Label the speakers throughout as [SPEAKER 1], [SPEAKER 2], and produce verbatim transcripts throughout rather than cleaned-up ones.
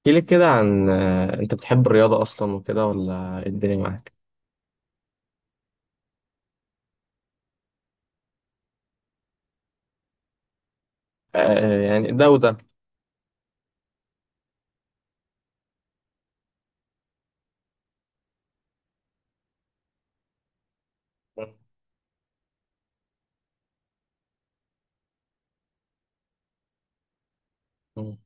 [SPEAKER 1] احكي لي كده عن آه، انت بتحب الرياضة اصلا وكده ولا إيه الدنيا معاك؟ آه، يعني ده وده. مم.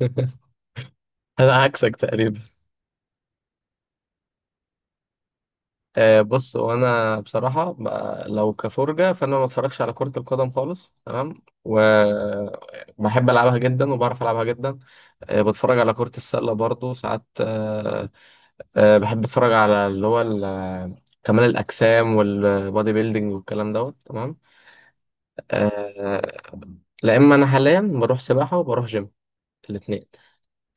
[SPEAKER 1] انا عكسك تقريبا. آه، بص، وانا بصراحة بقى لو كفرجة فانا ما اتفرجش على كرة القدم خالص، تمام، وبحب العبها جدا وبعرف العبها جدا. آه، بتفرج على كرة السلة برضو ساعات. آه، آه، بحب اتفرج على اللي هو ال- كمال الاجسام والبودي بيلدينج والكلام دوت، تمام. آه، لا، اما انا حاليا بروح سباحه وبروح جيم الاثنين.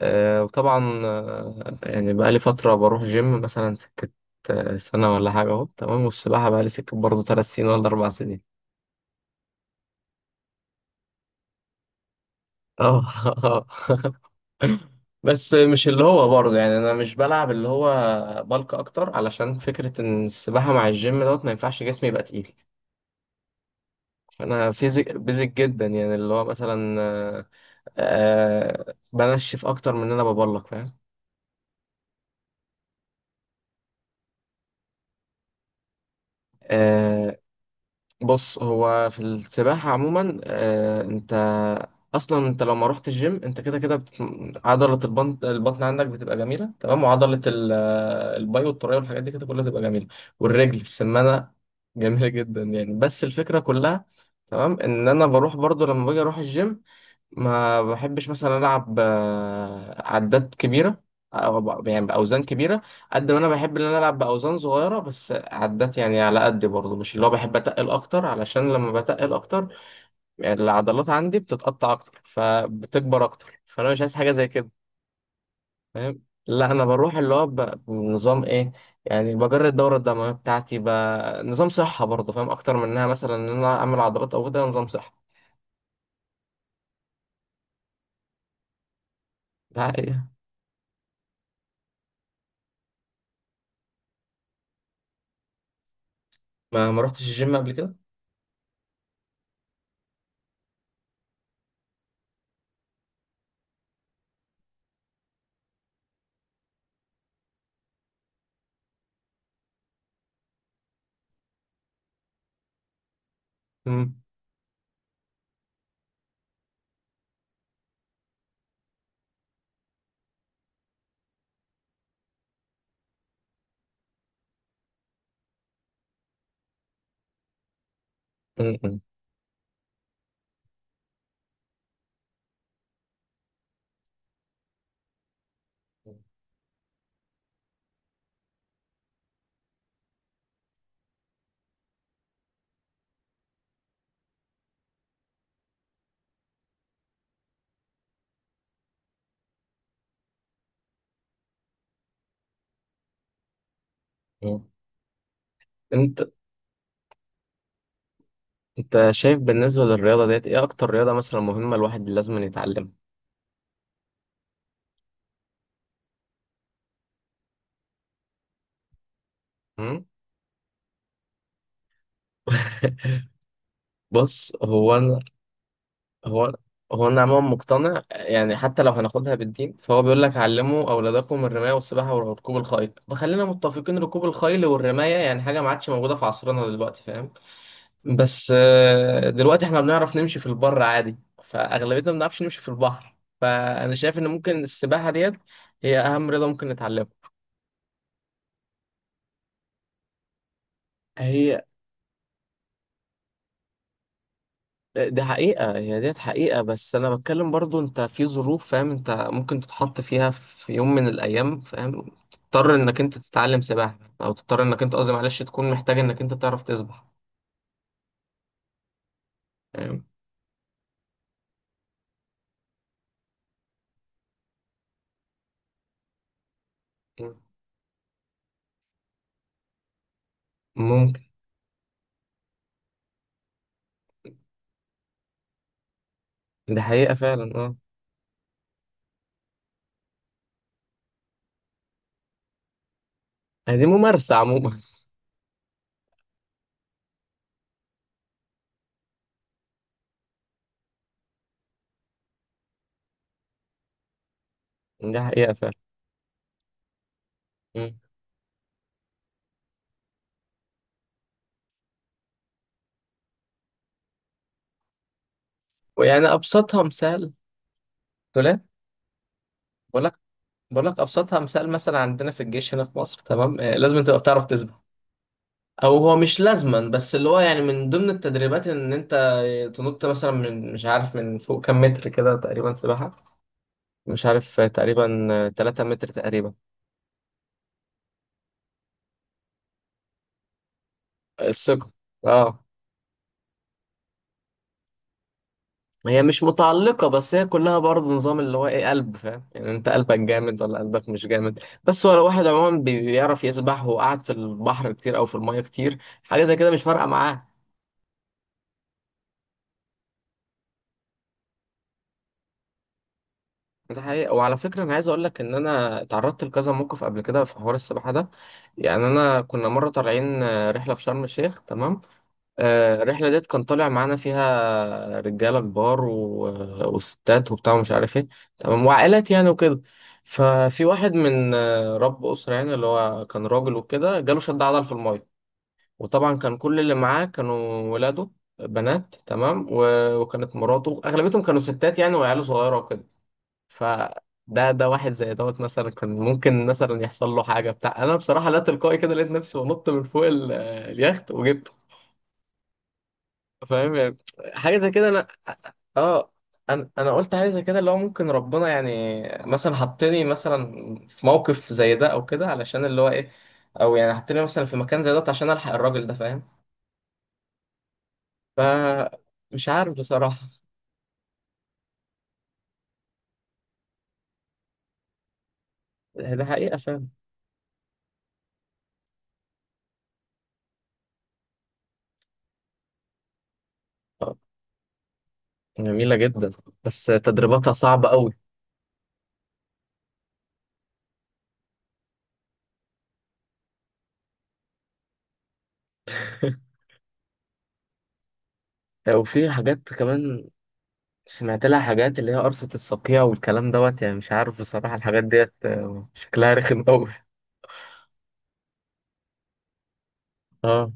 [SPEAKER 1] أه، وطبعا، آه، يعني بقى لي فتره بروح جيم مثلا سكه آه، سنه ولا حاجه اهو، تمام، والسباحه بقى لي سكه برضه ثلاث سنين ولا اربع سنين. اه. آه. بس مش اللي هو برضه، يعني انا مش بلعب اللي هو بلك اكتر، علشان فكره ان السباحه مع الجيم دوت ما ينفعش جسمي يبقى تقيل. انا فيزيك بيزك جدا، يعني اللي هو مثلا، آه، آه، بنشف اكتر من ان انا ببلك، فاهم. آه، بص، هو في السباحة عموما، آه، انت اصلا انت لو ما رحت الجيم انت كده كده بت... عضلة البطن البطن عندك بتبقى جميلة، تمام، وعضلة ال- آه، الباي والتراي والحاجات دي كده كلها تبقى جميلة، والرجل السمانة جميلة جدا، يعني بس الفكرة كلها، تمام، ان انا بروح برضو. لما باجي اروح الجيم ما بحبش مثلا العب آه، عدات كبيره، او ب- يعني باوزان كبيره. قد ما انا بحب ان انا العب باوزان صغيره بس عدات، يعني على قد برضه، مش اللي هو بحب اتقل اكتر، علشان لما بتقل اكتر يعني العضلات عندي بتتقطع اكتر فبتكبر اكتر، فانا مش عايز حاجه زي كده، فاهم. لا، انا بروح اللي هو ب- بنظام ايه، يعني بجري الدوره الدمويه بتاعتي ب... نظام صحه، برضه فاهم، اكتر منها مثلا ان انا اعمل عضلات او كده. نظام صحه. ده حقيقة. ما ما رحتش الجيم قبل كده؟ مم. مم. انت انت شايف بالنسبة للرياضة ديت ايه اكتر رياضة مثلا مهمة الواحد لازم يتعلمها؟ مم؟ بص، هو انا هو هو انا عموما مقتنع، يعني حتى لو هناخدها بالدين فهو بيقول لك علموا اولادكم الرماية والسباحة وركوب الخيل، فخلينا متفقين ركوب الخيل والرماية يعني حاجة ما عادش موجودة في عصرنا دلوقتي، فاهم. بس آه، دلوقتي احنا بنعرف نمشي في البر عادي، فاغلبيتنا ما بنعرفش نمشي في البحر، فانا شايف ان ممكن السباحة ديت هي اهم رياضة ممكن نتعلمها. هي ده حقيقة، هي ديت حقيقة، بس أنا بتكلم برضو أنت في ظروف، فاهم، أنت ممكن تتحط فيها في يوم من الأيام، فاهم، تضطر إنك أنت تتعلم سباحة، أو تضطر إنك أنت، قصدي معلش، تكون محتاج إنك أنت تعرف تسبح، فاهم. ممكن. ده حقيقة فعلا، أه. هي دي ممارسة عموما. ده حقيقة فعلا. مم. ويعني أبسطها مثال. تقول إيه؟ بقول لك بقول لك أبسطها مثال. مثلا عندنا في الجيش هنا في مصر، تمام، آه، لازم أنت تبقى بتعرف تسبح، او هو مش لازما بس اللي هو، يعني من ضمن التدريبات ان انت تنط مثلا من، مش عارف، من فوق كام متر كده تقريبا سباحة، مش عارف تقريبا ثلاثة متر تقريبا. الثقل. اه، هي مش متعلقة، بس هي كلها برضه نظام اللي هو ايه، قلب، فاهم، يعني انت قلبك جامد ولا قلبك مش جامد. بس هو لو واحد عموما بي- بيعرف يسبح وقعد في البحر كتير او في المية كتير، حاجة زي كده مش فارقة معاه. ده حقيقة، وعلى فكرة أنا عايز أقول لك إن أنا اتعرضت لكذا موقف قبل كده في حوار السباحة ده. يعني أنا كنا مرة طالعين آه، رحلة في شرم الشيخ، تمام. آه، الرحلة ديت كان طالع معانا فيها رجالة كبار و... وستات وبتاع ومش عارف إيه، تمام، وعائلات يعني وكده. ففي واحد من آه، رب أسرة يعني، اللي هو كان راجل وكده، جاله شد عضل في المية، وطبعا كان كل اللي معاه كانوا ولاده بنات، تمام، و... وكانت مراته، أغلبيتهم كانوا ستات يعني، وعياله صغيرة وكده. فده ده واحد زي دوت مثلا كان ممكن مثلا يحصل له حاجه بتاع. انا بصراحه لا، تلقائي كده لقيت نفسي بنط من فوق ال- اليخت وجبته، فاهم يعني. حاجه زي كده. انا اه انا انا قلت حاجه زي كده اللي هو ممكن ربنا يعني مثلا حطني مثلا في موقف زي ده او كده، علشان اللي هو ايه، او يعني حطني مثلا في مكان زي ده عشان الحق الراجل ده، فاهم. ف، مش عارف بصراحه. ده حقيقه، فاهم. آه، جميله جدا. بس تدريباتها صعبه قوي. وفي حاجات كمان سمعت لها. حاجات اللي هي قرصة الصقيع والكلام دوت، يعني مش عارف بصراحة الحاجات ديت آه، شكلها رخم أوي. اه.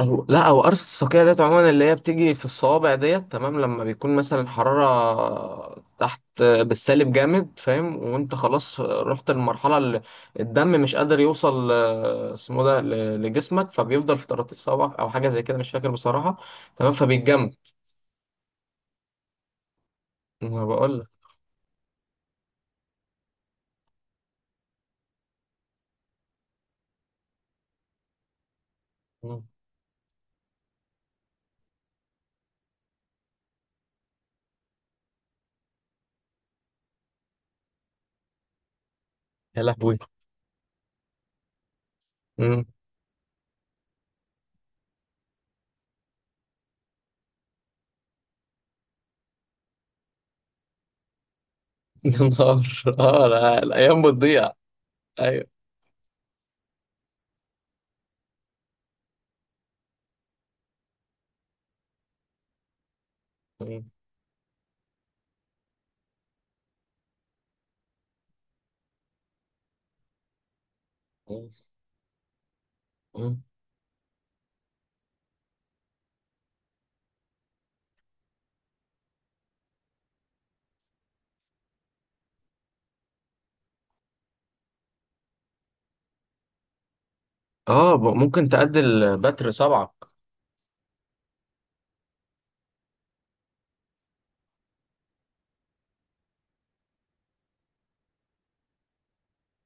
[SPEAKER 1] أو لا، أو قرصة الصقيع ديت عموما اللي هي بتيجي في الصوابع ديت، تمام، لما بيكون مثلا الحرارة تحت، آه، بالسالب جامد، فاهم، وأنت خلاص آه، رحت للمرحلة اللي الدم مش قادر يوصل، آه، اسمه ده، ل- لجسمك، فبيفضل في طراطيف صوابعك أو حاجة زي كده، مش فاكر بصراحة، تمام، فبيتجمد. أنا بقول لك. مم. يا لهوي. مم. يا نهار! اه، لا الأيام بتضيع. ايوه. مم. مم. مم. اه، ب- ممكن تأدي البتر صبعك.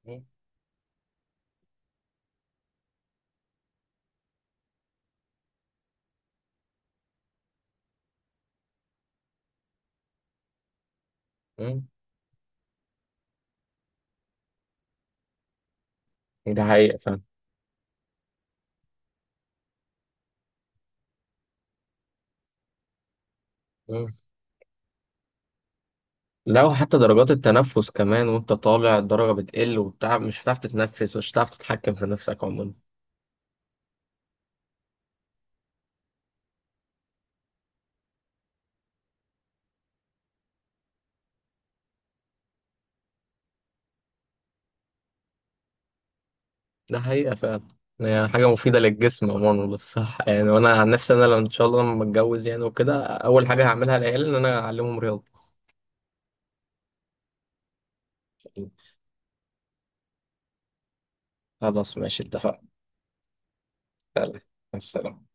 [SPEAKER 1] مم. مم. ده حقيقة فعلا. مم. لا، وحتى درجات التنفس كمان، وانت طالع الدرجة بتقل وبتاع، مش هتعرف تتنفس، مش هتعرف تتحكم في نفسك عموما. ده حقيقة فعلا. يعني حاجة مفيدة للجسم عموما وللصحة. يعني، وانا عن نفسي، انا لو ان شاء الله لما اتجوز يعني وكده، اول حاجة هعملها للعيال ان انا اعلمهم رياضة. خلاص، ماشي، اتفقنا. يلا، مع السلامة.